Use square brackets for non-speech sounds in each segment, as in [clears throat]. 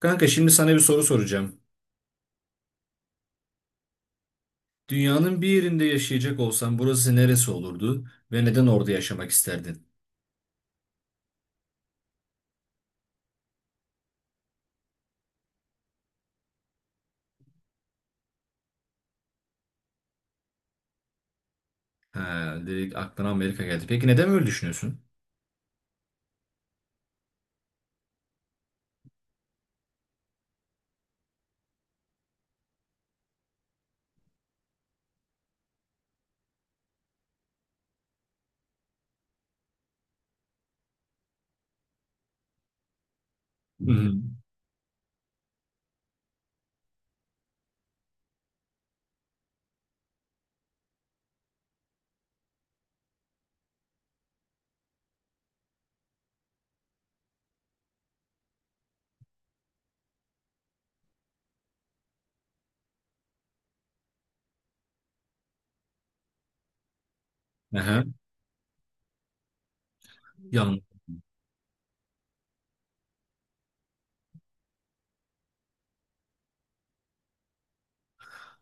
Kanka şimdi sana bir soru soracağım. Dünyanın bir yerinde yaşayacak olsan burası neresi olurdu ve neden orada yaşamak isterdin? Ha, direkt aklına Amerika geldi. Peki neden böyle düşünüyorsun? Hı hı. Aha, yanlış.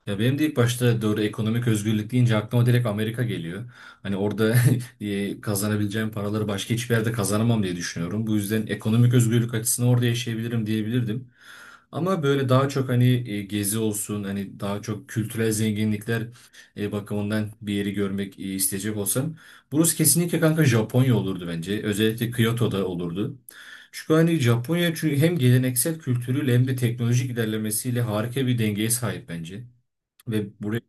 Ya benim de ilk başta doğru ekonomik özgürlük deyince aklıma direkt Amerika geliyor. Hani orada [laughs] kazanabileceğim paraları başka hiçbir yerde kazanamam diye düşünüyorum. Bu yüzden ekonomik özgürlük açısından orada yaşayabilirim diyebilirdim. Ama böyle daha çok hani gezi olsun, hani daha çok kültürel zenginlikler bakımından bir yeri görmek isteyecek olsam burası kesinlikle kanka Japonya olurdu bence. Özellikle Kyoto'da olurdu. Çünkü hani Japonya çünkü hem geleneksel kültürüyle hem de teknolojik ilerlemesiyle harika bir dengeye sahip bence. Ve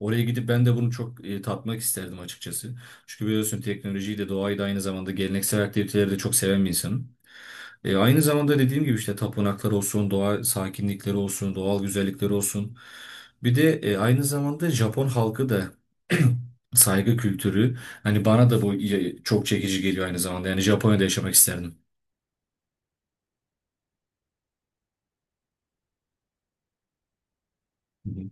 oraya gidip ben de bunu çok tatmak isterdim açıkçası. Çünkü biliyorsun teknolojiyi de doğayı da aynı zamanda geleneksel aktiviteleri de çok seven bir insanım. Aynı zamanda dediğim gibi işte tapınaklar olsun, doğa sakinlikleri olsun, doğal güzellikleri olsun. Bir de aynı zamanda Japon halkı da [clears throat] saygı kültürü. Hani bana da bu çok çekici geliyor aynı zamanda. Yani Japonya'da yaşamak isterdim. Hı hı.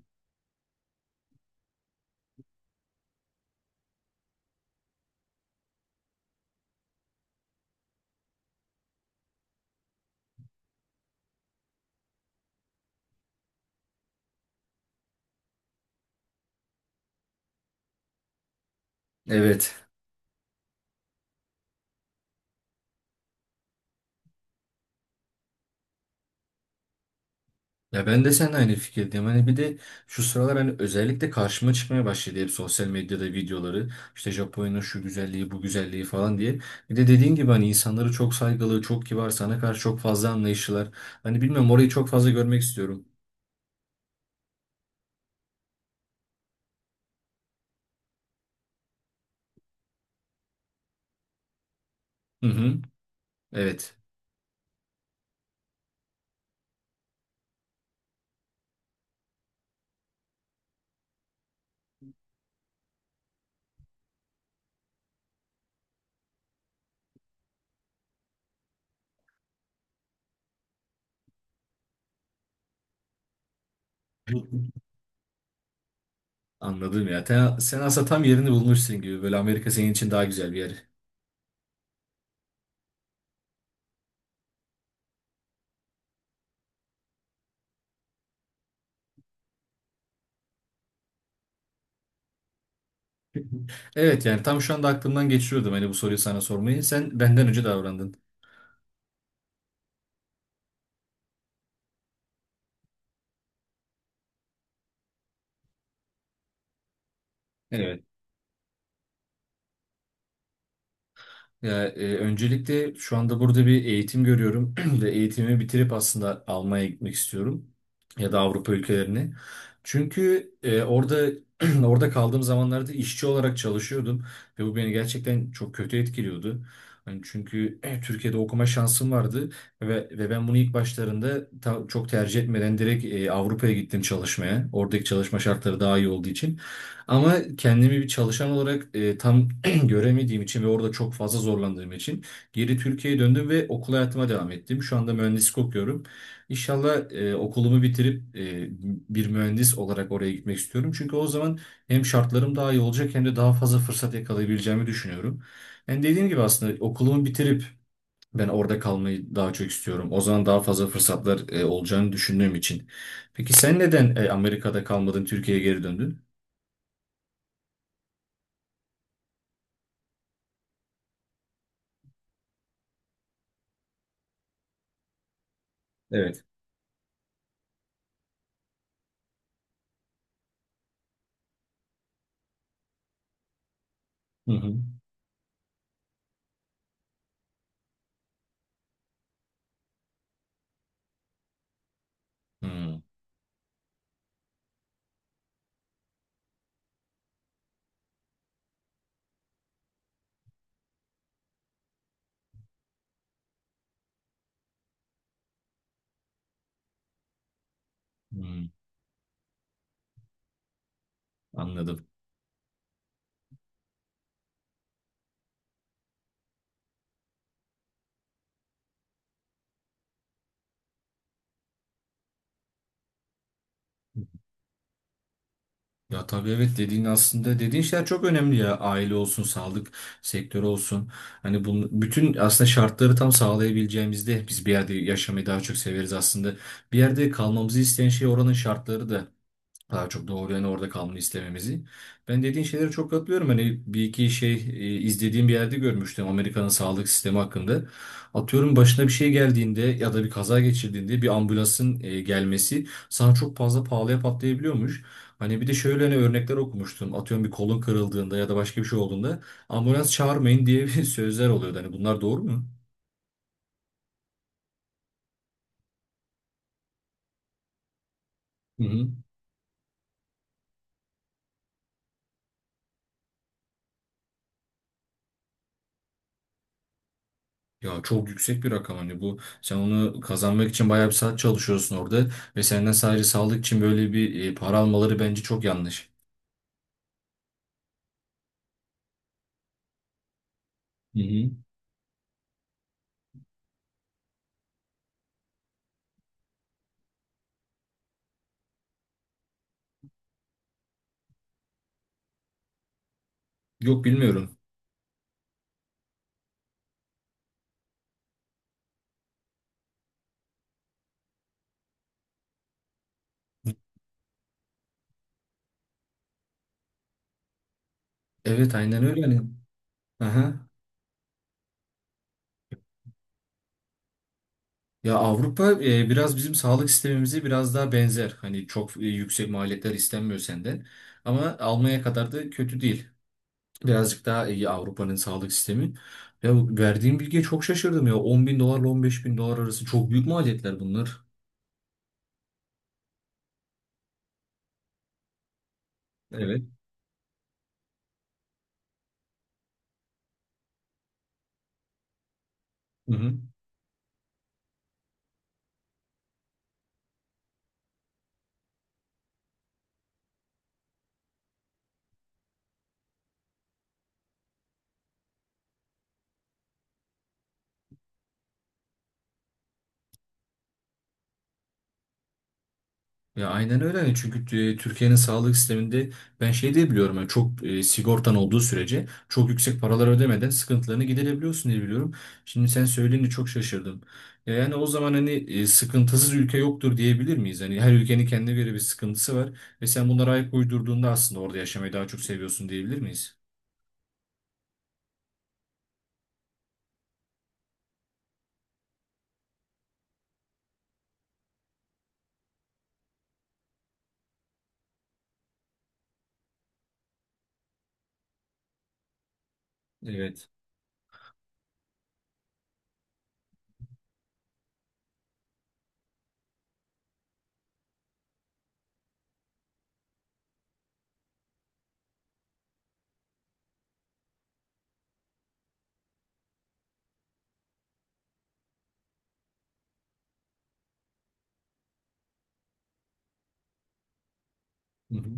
Evet. Ya ben de seninle aynı fikirdeyim. Hani bir de şu sıralar hani özellikle karşıma çıkmaya başladı hep sosyal medyada videoları. İşte Japonya'nın şu güzelliği, bu güzelliği falan diye. Bir de dediğin gibi hani insanları çok saygılı, çok kibar, sana karşı çok fazla anlayışlılar. Hani bilmiyorum orayı çok fazla görmek istiyorum. Hı hı. Evet. Anladım ya. Sen aslında tam yerini bulmuşsun gibi. Böyle Amerika senin için daha güzel bir yer. [laughs] Evet, yani tam şu anda aklımdan geçiriyordum hani bu soruyu sana sormayı. Sen benden önce davrandın. Evet. Öncelikle şu anda burada bir eğitim görüyorum [clears throat] ve eğitimimi bitirip aslında Almanya'ya gitmek istiyorum ya da Avrupa ülkelerine. Çünkü orada [clears throat] orada kaldığım zamanlarda işçi olarak çalışıyordum ve bu beni gerçekten çok kötü etkiliyordu. Hani çünkü Türkiye'de okuma şansım vardı ve ben bunu ilk başlarında çok tercih etmeden direkt Avrupa'ya gittim çalışmaya. Oradaki çalışma şartları daha iyi olduğu için. Ama kendimi bir çalışan olarak tam [clears throat] göremediğim için ve orada çok fazla zorlandığım için geri Türkiye'ye döndüm ve okul hayatıma devam ettim. Şu anda mühendislik okuyorum. İnşallah okulumu bitirip bir mühendis olarak oraya gitmek istiyorum. Çünkü o zaman hem şartlarım daha iyi olacak hem de daha fazla fırsat yakalayabileceğimi düşünüyorum. Yani dediğim gibi aslında okulumu bitirip ben orada kalmayı daha çok istiyorum. O zaman daha fazla fırsatlar olacağını düşündüğüm için. Peki sen neden Amerika'da kalmadın, Türkiye'ye geri döndün? Evet. Hı hı. Hmm. Hmm, anladım. Ya tabii, evet, dediğin aslında dediğin şeyler çok önemli ya, aile olsun, sağlık sektörü olsun, hani bunun bütün aslında şartları tam sağlayabileceğimizde biz bir yerde yaşamayı daha çok severiz aslında. Bir yerde kalmamızı isteyen şey oranın şartları da daha çok doğru, yani orada kalmanı istememizi. Ben dediğin şeylere çok katılıyorum. Hani bir iki şey izlediğim bir yerde görmüştüm Amerika'nın sağlık sistemi hakkında. Atıyorum başına bir şey geldiğinde ya da bir kaza geçirdiğinde bir ambulansın gelmesi sana çok fazla pahalıya patlayabiliyormuş. Hani bir de şöyle hani örnekler okumuştum. Atıyorum bir kolun kırıldığında ya da başka bir şey olduğunda ambulans çağırmayın diye bir [laughs] sözler oluyordu. Hani bunlar doğru mu? Hı hı. Ya çok yüksek bir rakam, hani bu, sen onu kazanmak için bayağı bir saat çalışıyorsun orada ve senden sadece sağlık için böyle bir para almaları bence çok yanlış. Hı hı. Yok, bilmiyorum. Evet, aynen öyle hani. Aha. Ya Avrupa biraz bizim sağlık sistemimize biraz daha benzer. Hani çok yüksek maliyetler istenmiyor senden. Ama almaya kadar da kötü değil. Birazcık daha iyi Avrupa'nın sağlık sistemi. Ya verdiğim bilgiye çok şaşırdım ya. 10 bin dolarla 15 bin dolar arası çok büyük maliyetler bunlar. Evet. Hı hı. Ya aynen öyle. Hani çünkü Türkiye'nin sağlık sisteminde ben şey diye biliyorum, yani çok sigortan olduğu sürece çok yüksek paralar ödemeden sıkıntılarını giderebiliyorsun diye biliyorum. Şimdi sen söyleyince çok şaşırdım. Ya yani o zaman hani sıkıntısız ülke yoktur diyebilir miyiz? Hani her ülkenin kendine göre bir sıkıntısı var ve sen bunlara ayak uydurduğunda aslında orada yaşamayı daha çok seviyorsun diyebilir miyiz? Evet. Hı hı.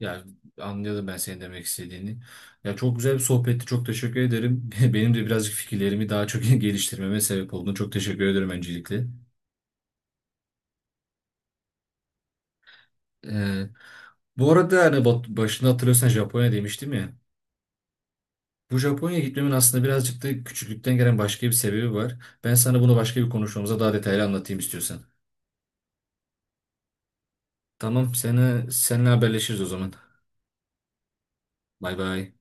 Ya anladım ben senin demek istediğini. Ya çok güzel bir sohbetti. Çok teşekkür ederim. [laughs] Benim de birazcık fikirlerimi daha çok [laughs] geliştirmeme sebep olduğunu çok teşekkür ederim öncelikle. Ee, Bu arada hani başında hatırlıyorsan Japonya demiştim ya. Bu Japonya'ya gitmemin aslında birazcık da küçüklükten gelen başka bir sebebi var. Ben sana bunu başka bir konuşmamıza daha detaylı anlatayım istiyorsan. Tamam, seni seninle haberleşiriz o zaman. Bay bay.